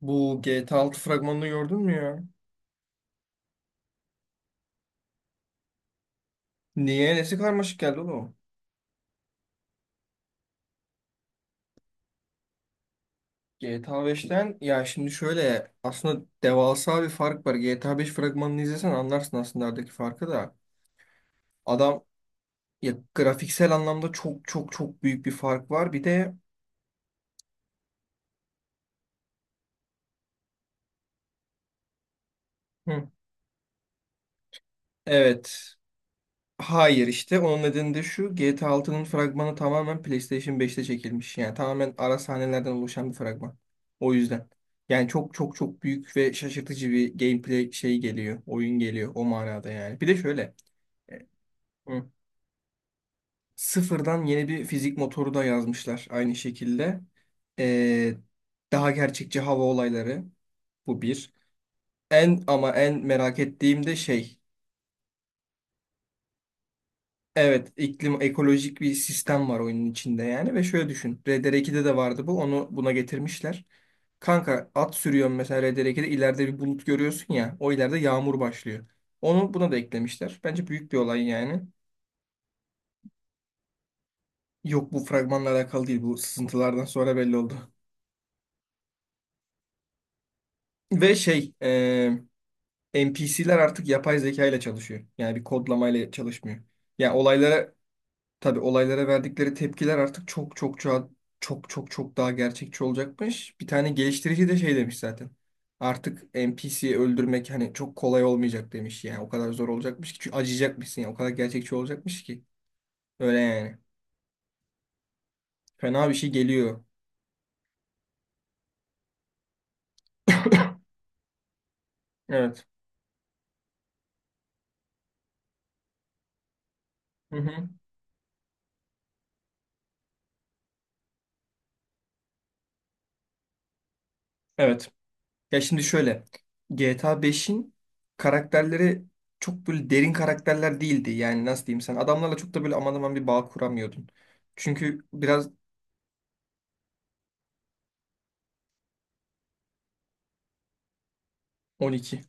Bu GTA 6 fragmanını gördün mü ya? Niye? Nesi karmaşık geldi oğlum? GTA 5'ten ya şimdi şöyle aslında devasa bir fark var. GTA 5 fragmanını izlesen anlarsın aslında aradaki farkı da. Adam, ya grafiksel anlamda çok çok çok büyük bir fark var. Bir de. Hı. Evet. Hayır, işte onun nedeni de şu: GTA 6'nın fragmanı tamamen PlayStation 5'te çekilmiş. Yani tamamen ara sahnelerden oluşan bir fragman. O yüzden. Yani çok çok çok büyük ve şaşırtıcı bir gameplay şey geliyor. Oyun geliyor o manada yani. Bir de şöyle. e, hı, Sıfırdan yeni bir fizik motoru da yazmışlar aynı şekilde. Ee, Daha gerçekçi hava olayları. Bu bir. En ama en merak ettiğim de şey. Evet, iklim ekolojik bir sistem var oyunun içinde yani, ve şöyle düşün: RDR 2'de de vardı bu. Onu buna getirmişler. Kanka at sürüyorsun mesela, RDR 2'de ileride bir bulut görüyorsun ya. O ileride yağmur başlıyor. Onu buna da eklemişler. Bence büyük bir olay yani. Yok, bu fragmanla alakalı değil. Bu sızıntılardan sonra belli oldu. Ve şey NPC'ler artık yapay zeka ile çalışıyor. Yani bir kodlamayla çalışmıyor. Yani olaylara, tabii olaylara verdikleri tepkiler artık çok çok çok çok çok çok daha gerçekçi olacakmış. Bir tane geliştirici de şey demiş zaten: artık NPC'yi öldürmek hani çok kolay olmayacak demiş yani. O kadar zor olacakmış ki, çünkü acıyacakmışsın ya. O kadar gerçekçi olacakmış ki. Öyle yani. Fena bir şey geliyor. Evet. Hı hı. Evet. Ya şimdi şöyle. GTA 5'in karakterleri çok böyle derin karakterler değildi. Yani nasıl diyeyim, sen adamlarla çok da böyle aman aman bir bağ kuramıyordun. Çünkü biraz... 12.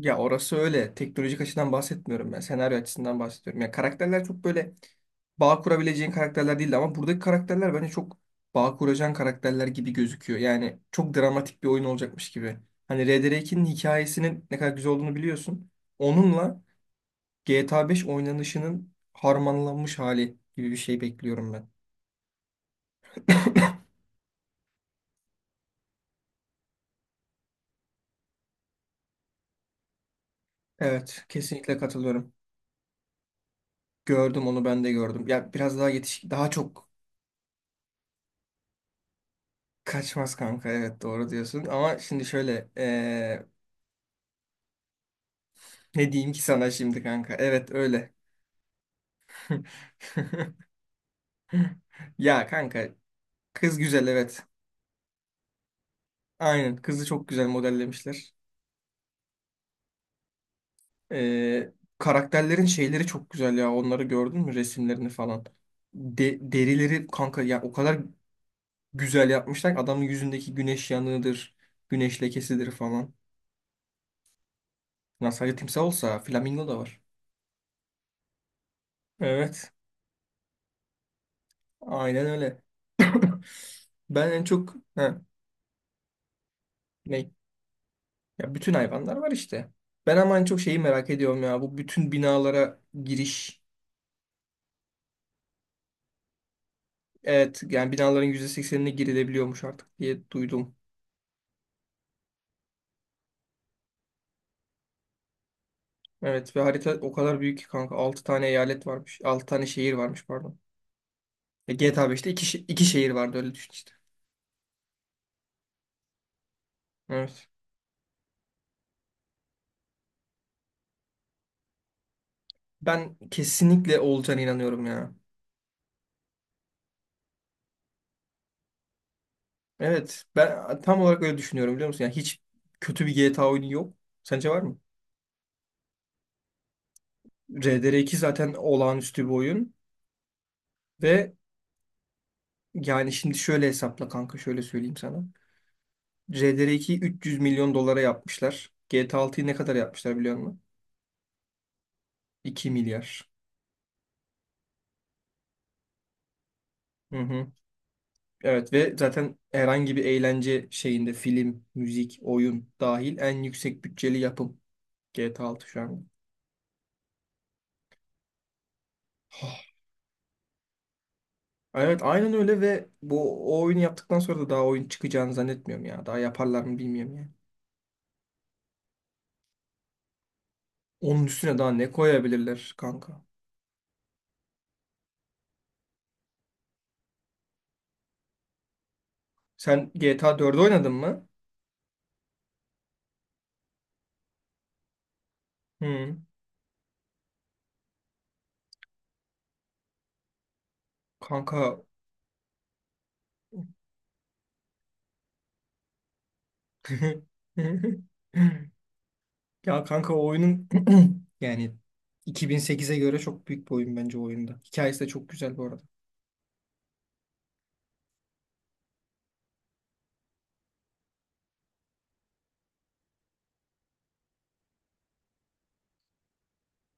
Ya orası öyle. Teknolojik açıdan bahsetmiyorum ben. Senaryo açısından bahsediyorum. Ya karakterler çok böyle bağ kurabileceğin karakterler değildi, ama buradaki karakterler bence çok bağ kuracağın karakterler gibi gözüküyor. Yani çok dramatik bir oyun olacakmış gibi. Hani RDR 2'nin hikayesinin ne kadar güzel olduğunu biliyorsun. Onunla GTA 5 oynanışının harmanlanmış hali gibi bir şey bekliyorum ben. Evet, kesinlikle katılıyorum. Gördüm, onu ben de gördüm. Ya biraz daha yetiş daha çok kaçmaz kanka. Evet, doğru diyorsun. Ama şimdi şöyle. Ne diyeyim ki sana şimdi kanka? Evet öyle. Ya kanka kız güzel, evet. Aynen, kızı çok güzel modellemişler. Ee, Karakterlerin şeyleri çok güzel ya. Onları gördün mü, resimlerini falan? Derileri kanka ya o kadar güzel yapmışlar ki. Adamın yüzündeki güneş yanığıdır, güneş lekesidir falan. Ya sadece timsah olsa, flamingo da var. Evet. Aynen öyle. Ben en çok... Ha, ne? Ya bütün hayvanlar var işte. Ben ama en çok şeyi merak ediyorum ya: bu bütün binalara giriş. Evet, yani binaların %80'ine girilebiliyormuş artık diye duydum. Evet, ve harita o kadar büyük ki kanka. 6 tane eyalet varmış. 6 tane şehir varmış, pardon. E, GTA 5'te 2, iki şehir vardı, öyle düşün işte. Evet. Ben kesinlikle olacağına inanıyorum ya. Evet, ben tam olarak öyle düşünüyorum biliyor musun? Yani hiç kötü bir GTA oyunu yok. Sence var mı? RDR 2 zaten olağanüstü bir oyun. Ve... yani şimdi şöyle hesapla kanka, şöyle söyleyeyim sana: RDR 2'yi 300 milyon dolara yapmışlar. GTA 6'yı ne kadar yapmışlar biliyor musun? 2 milyar. Hı hı. Evet, ve zaten herhangi bir eğlence şeyinde, film, müzik, oyun dahil, en yüksek bütçeli yapım GTA 6 şu an. Evet, aynen öyle, ve bu o oyunu yaptıktan sonra da daha oyun çıkacağını zannetmiyorum ya. Daha yaparlar mı bilmiyorum ya. Onun üstüne daha ne koyabilirler kanka? Sen GTA 4'ü oynadın mı? Hı. Kanka. Ya kanka o oyunun... yani 2008'e göre çok büyük bir oyun bence o oyunda. Hikayesi de çok güzel bu arada.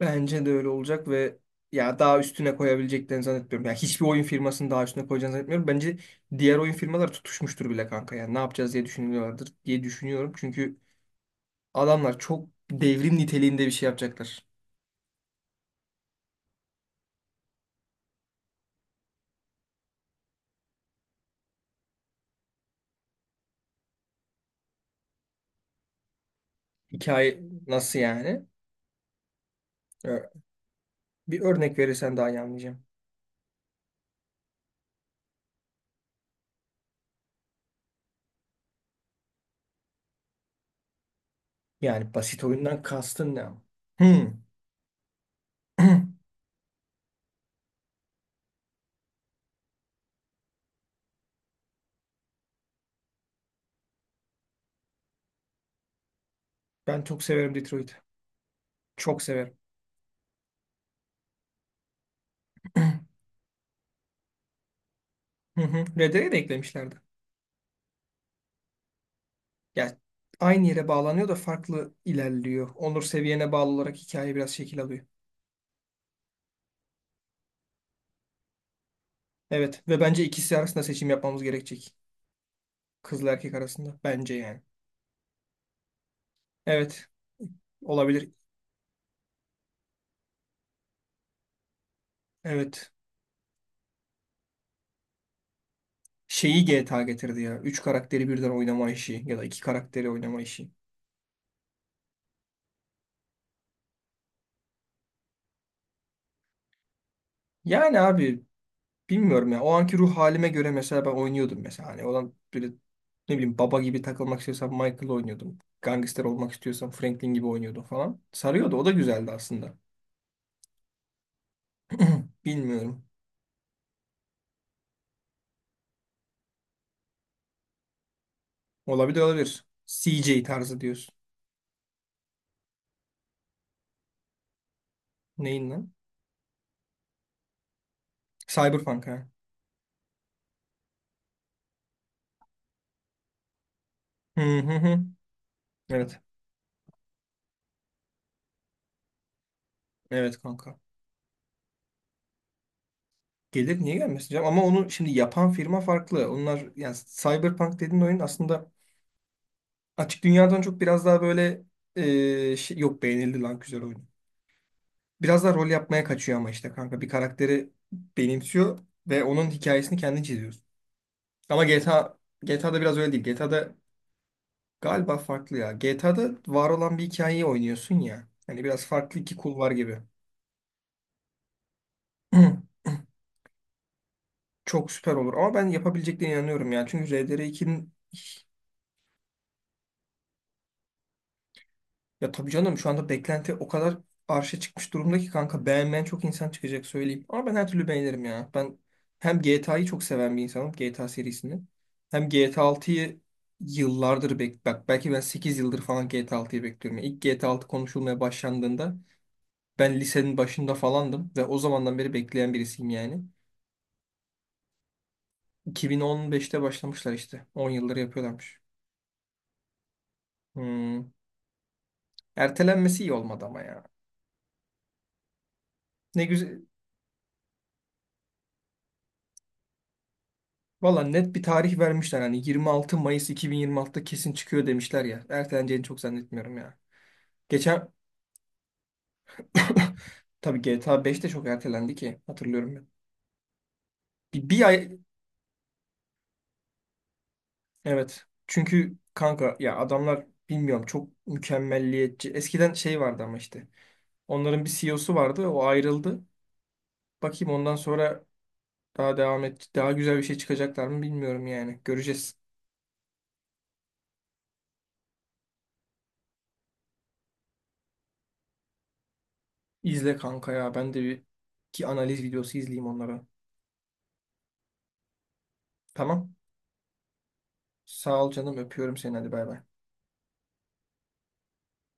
Bence de öyle olacak, ve ya daha üstüne koyabileceklerini zannetmiyorum. Ya hiçbir oyun firmasının daha üstüne koyacağını zannetmiyorum. Bence diğer oyun firmalar tutuşmuştur bile kanka. Yani ne yapacağız diye düşünüyorlardır diye düşünüyorum. Çünkü adamlar çok devrim niteliğinde bir şey yapacaklar. Hikaye nasıl yani? Ö- Bir örnek verirsen daha iyi anlayacağım. Yani basit oyundan kastın ne ama? Hmm. Ben çok severim Detroit'i. Çok severim. Hı hı. Red Dead'e de eklemişlerdi. Ya aynı yere bağlanıyor da farklı ilerliyor. Onur seviyene bağlı olarak hikaye biraz şekil alıyor. Evet, ve bence ikisi arasında seçim yapmamız gerekecek. Kızla erkek arasında. Bence yani. Evet. Olabilir. Evet. Şeyi GTA getirdi ya: üç karakteri birden oynama işi ya da iki karakteri oynama işi. Yani abi, bilmiyorum ya. O anki ruh halime göre mesela ben oynuyordum mesela. Hani olan böyle, ne bileyim, baba gibi takılmak istiyorsam Michael oynuyordum. Gangster olmak istiyorsam Franklin gibi oynuyordum falan. Sarıyordu. O da güzeldi aslında. Bilmiyorum. Olabilir olabilir. CJ tarzı diyorsun. Neyin lan? Cyberpunk, ha. Hı hı hı. Evet. Evet kanka. Gelir, niye gelmesin canım? Ama onu şimdi yapan firma farklı. Onlar yani Cyberpunk dediğin oyun aslında açık dünyadan çok biraz daha böyle, şey, yok, beğenildi lan, güzel oyun. Biraz da rol yapmaya kaçıyor ama işte kanka, bir karakteri benimsiyor ve onun hikayesini kendi çiziyorsun. Ama GTA'da biraz öyle değil. GTA'da galiba farklı ya. GTA'da var olan bir hikayeyi oynuyorsun ya. Hani biraz farklı iki kul var gibi. Çok süper olur, ama ben yapabileceklerine inanıyorum ya. Çünkü RDR 2'nin... Ya tabii canım şu anda beklenti o kadar arşa çıkmış durumda ki kanka, beğenmeyen çok insan çıkacak söyleyeyim. Ama ben her türlü beğenirim ya. Ben hem GTA'yı çok seven bir insanım, GTA serisini. Hem GTA 6'yı yıllardır bek bak belki ben 8 yıldır falan GTA 6'yı bekliyorum. Yani İlk GTA 6 konuşulmaya başlandığında ben lisenin başında falandım ve o zamandan beri bekleyen birisiyim yani. 2015'te başlamışlar işte. 10 yıldır yapıyorlarmış. Hmm. Ertelenmesi iyi olmadı ama ya. Ne güzel. Valla net bir tarih vermişler. Hani 26 Mayıs 2026'da kesin çıkıyor demişler ya. Erteleneceğini çok zannetmiyorum ya. Geçen tabii GTA 5 de çok ertelendi ki, hatırlıyorum ben. Bir ay evet. Çünkü kanka ya adamlar bilmiyorum çok mükemmelliyetçi. Eskiden şey vardı ama işte. Onların bir CEO'su vardı. O ayrıldı. Bakayım ondan sonra daha devam et daha güzel bir şey çıkacaklar mı bilmiyorum yani. Göreceğiz. İzle kanka ya. Ben de bir ki analiz videosu izleyeyim onlara. Tamam. Sağ ol canım, öpüyorum seni, hadi bay bay.